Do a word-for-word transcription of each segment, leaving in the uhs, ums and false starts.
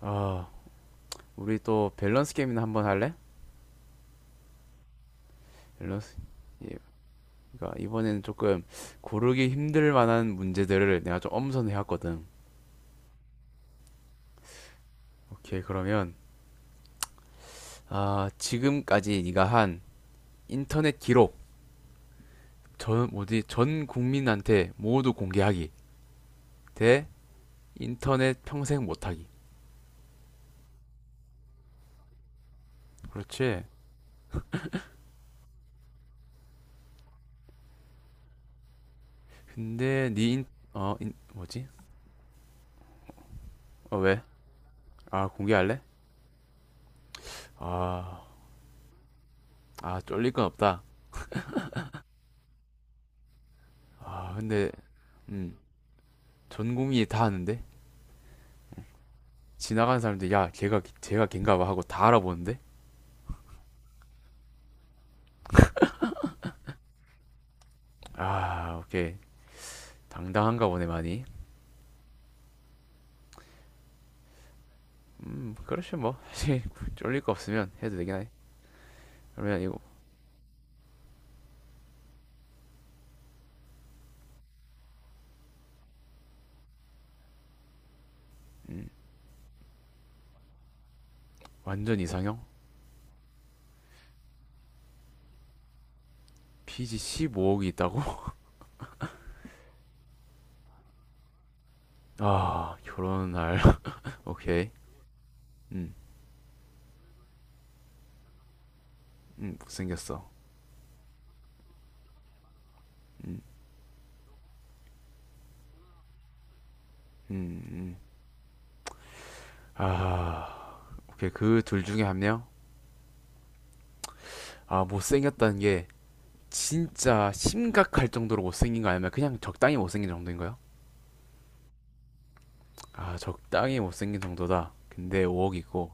아, 우리 또 밸런스 게임이나 한번 할래? 밸런스. 예. 그러니까 이번에는 조금 고르기 힘들 만한 문제들을 내가 좀 엄선해 왔거든. 오케이, 그러면 아, 지금까지 네가 한 인터넷 기록 전 뭐지? 전 국민한테 모두 공개하기 대 인터넷 평생 못하기. 그렇지. 근데 네 인, 어, 인, 뭐지? 어, 왜? 아, 공개할래? 아, 아, 쫄릴 건 없다. 아, 근데 음, 전 국민이 다 아는데? 지나가는 사람들 야 걔가 걔가 걔인가 봐 하고 다 알아보는데 아 오케이 당당한가 보네 많이 음 그렇죠 뭐 사실 쫄릴 거 없으면 해도 되긴 하네 그러면 이거 음, 완전 이상형 피지 십오 억이 있다고 아 결혼할 오케이 음음 못생겼어 음음음아 오케이 그 둘 중에 한 명 아 못생겼다는 게 진짜 심각할 정도로 못생긴 거 아니면 그냥 적당히 못생긴 정도인가요? 아, 적당히 못생긴 정도다. 근데 오 억이고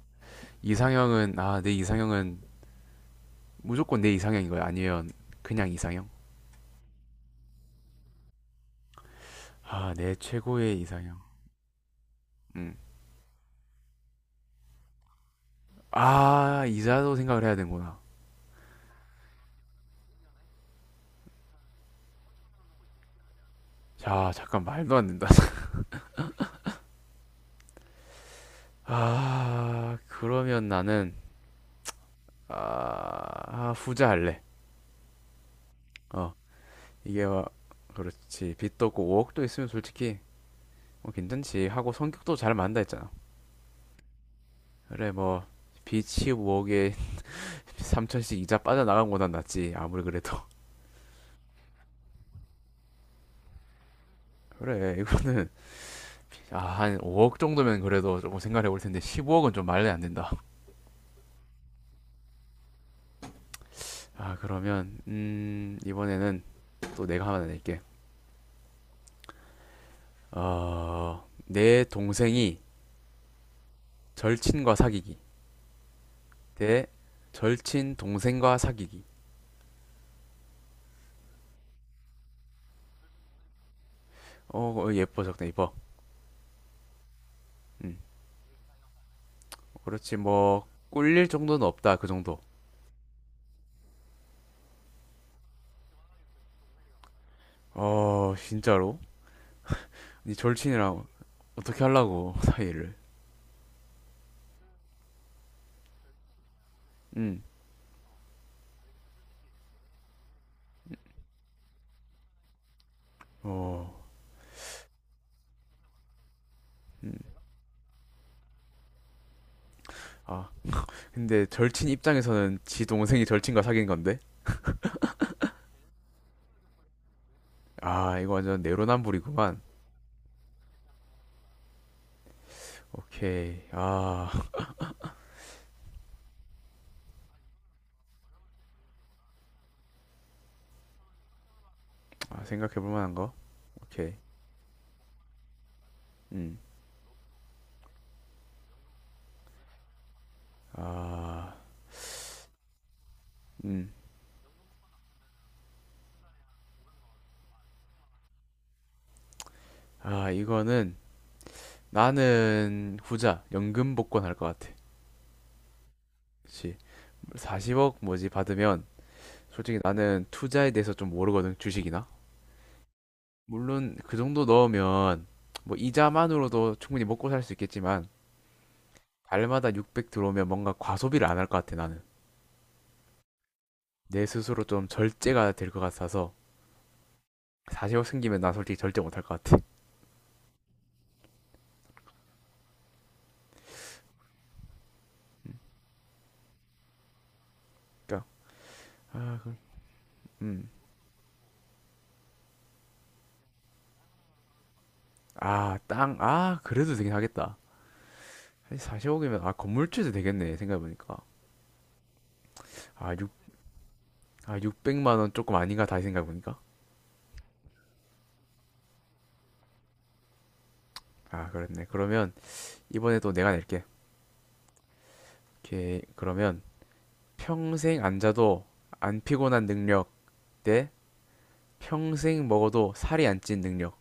이상형은 아, 내 이상형은 무조건 내 이상형인 거야. 아니면 그냥 이상형? 아, 내 최고의 이상형. 음. 아, 이자도 생각을 해야 되는구나. 자, 잠깐 말도 안 된다. 아, 그러면 나는 아, 아, 후자 할래. 어, 이게 와, 그렇지. 빚도 없고 오 억도 있으면 솔직히 뭐 괜찮지. 하고 성격도 잘 맞는다 했잖아. 그래, 뭐 빚이 오 억에 삼천씩 이자 빠져나간 거보단 낫지 아무리 그래도 그래 이거는 아, 한 오 억 정도면 그래도 조금 생각해 볼 텐데 십오 억은 좀 말이 안 된다 아 그러면 음 이번에는 또 내가 하나 낼게 어내 동생이 절친과 사귀기 대 절친 동생과 사귀기 어 어, 예뻐 적당 예뻐 음 그렇지 뭐 꿀릴 정도는 없다 그 정도 어 진짜로 네 절친이랑 어떻게 하려고 사이를 음어음아 근데 절친 입장에서는 지 동생이 절친과 사귄 건데? 아, 이거 완전 내로남불이구만. 오케이. 아, 아, 생각해볼 만한 거? 오케이. 음. 아, 음. 아, 이거는 나는 후자, 연금 복권 할 것 같아. 그치. 사십 억 뭐지 받으면 솔직히 나는 투자에 대해서 좀 모르거든, 주식이나. 물론 그 정도 넣으면 뭐 이자만으로도 충분히 먹고 살 수 있겠지만 달마다 육백 들어오면 뭔가 과소비를 안 할 것 같아, 나는. 내 스스로 좀 절제가 될 것 같아서 사 억 생기면 나 솔직히 절제 못할 것 같아. 음, 그러니까 음. 아, 땅. 아, 그래도 되긴 하겠다. 사 억이면 아, 건물주도 되겠네. 생각해 보니까. 아, 6 아, 육백만 원 조금 아닌가 다시 생각해 보니까. 아, 그렇네. 그러면 이번에도 내가 낼게. 오케이. 그러면 평생 안 자도 안 피곤한 능력 대 평생 먹어도 살이 안 찐 능력.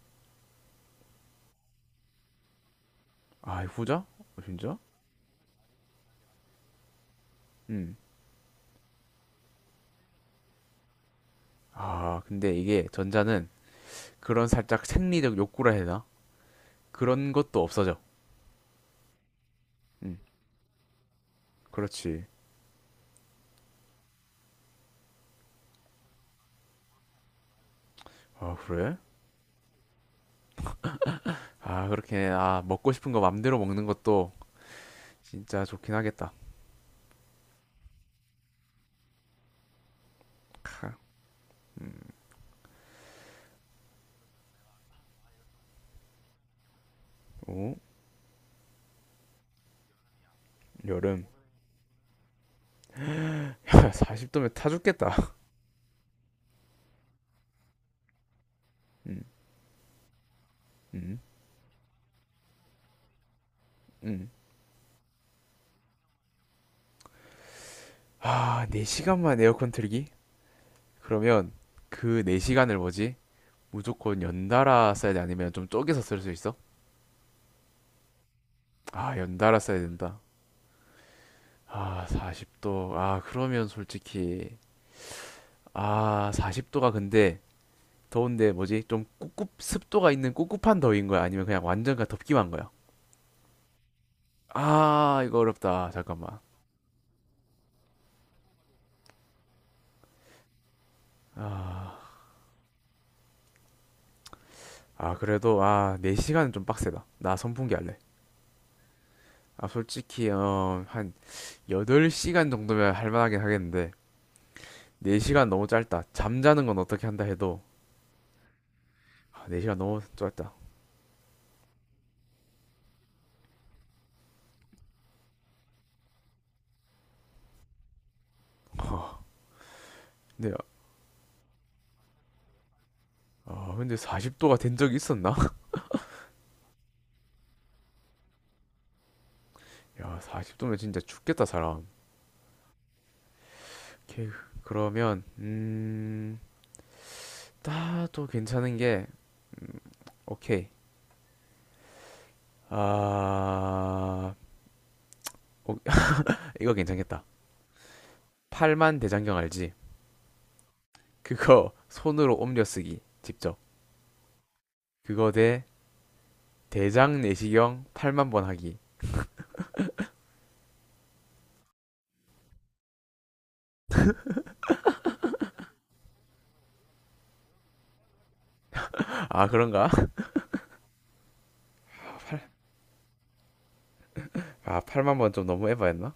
아, 후자? 어, 진짜? 음. 아, 근데 이게 전자는 그런 살짝 생리적 욕구라 해야 되나? 그런 것도 없어져. 응, 그렇지. 아, 그래? 아, 그렇게, 아, 먹고 싶은 거 맘대로 먹는 것도 진짜 좋긴 하겠다. 캬. 오, 여름. 야, 사십 도면 타 죽겠다. 음, 음, 음. 아, 네 시간만 에어컨 틀기? 그러면 그 네 시간을 뭐지? 무조건 연달아 써야 돼? 아니면 좀 쪼개서 쓸 수 있어? 아, 연달아 써야 된다. 아, 사십 도. 아, 그러면 솔직히. 아, 사십 도가 근데 더운데 뭐지? 좀 꿉꿉 습도가 있는 꿉꿉한 더위인 거야? 아니면 그냥 완전 가 덥기만 한 거야? 아, 이거 어렵다. 잠깐만. 아, 아 그래도 아, 네 시간은 좀 빡세다. 나 선풍기 할래. 아, 솔직히 어, 한 여덟 시간 정도면 할 만하긴 하겠는데 네 시간 너무 짧다. 잠자는 건 어떻게 한다 해도 아, 네 시간 너무 짧다. 어, 근데 아, 근데 사십 도가 된 적이 있었나? 야, 사십 도면 진짜 죽겠다, 사람. 오케이. 그러면 음, 따도 괜찮은 게 음, 오케이. 아, 어, 이거 괜찮겠다. 팔만 대장경 알지? 그거 손으로 옮겨 쓰기. 직접. 그거 대 대장 내시경 팔만번 하기. 아, 그런가? 아, 팔, 아, 만번 좀 너무 에바였나?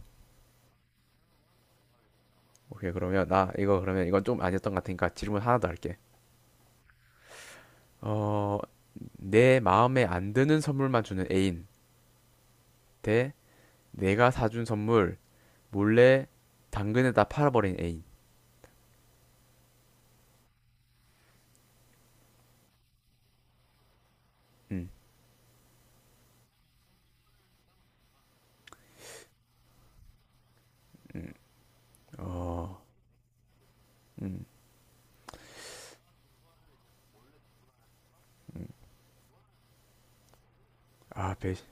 오케이, 그러면 나 이거 그러면 이건 좀 아니었던 것 같으니까 질문 하나 더 할게. 어, 내 마음에 안 드는 선물만 주는 애인 대 내가 사준 선물 몰래 당근에다 팔아버린 애인. 음, 음, 어, 음, 아, 배신.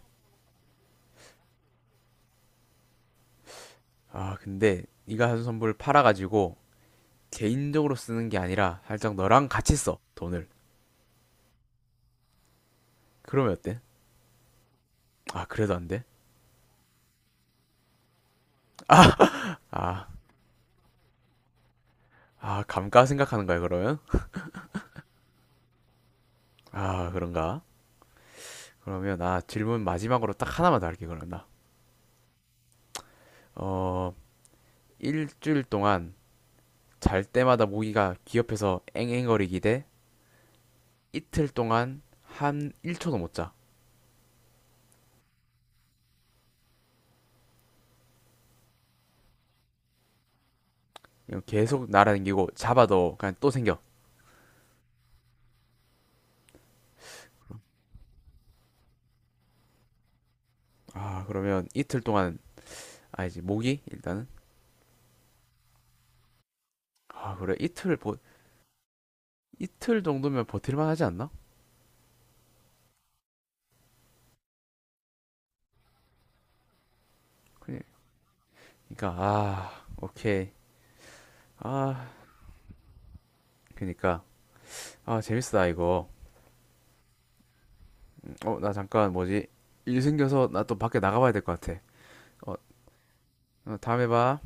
아, 근데 네가 사준 선물 팔아가지고 개인적으로 쓰는 게 아니라 살짝 너랑 같이 써, 돈을. 그러면 어때? 아, 그래도 안 돼? 아, 아, 아 감가 생각하는 거야, 그러면? 아, 그런가? 그러면 나 질문 마지막으로 딱 하나만 더 할게, 그러면 나. 어, 일주일 동안 잘 때마다 모기가 귀 옆에서 앵앵거리기 대 이틀 동안 한 일 초도 못 자. 그냥 계속 날아다니고 잡아도 그냥 또 생겨. 아, 그러면 이틀 동안, 아니지, 모기? 일단은. 아, 그래. 이틀 보, 이틀 정도면 버틸만 하지 않나? 그니- 러니까 아 오케이 아 그러니까 아 재밌다 이거 어 나 잠깐 뭐지 일 생겨서 나 또 밖에 나가봐야 될 것 같아 어, 어 다음에 봐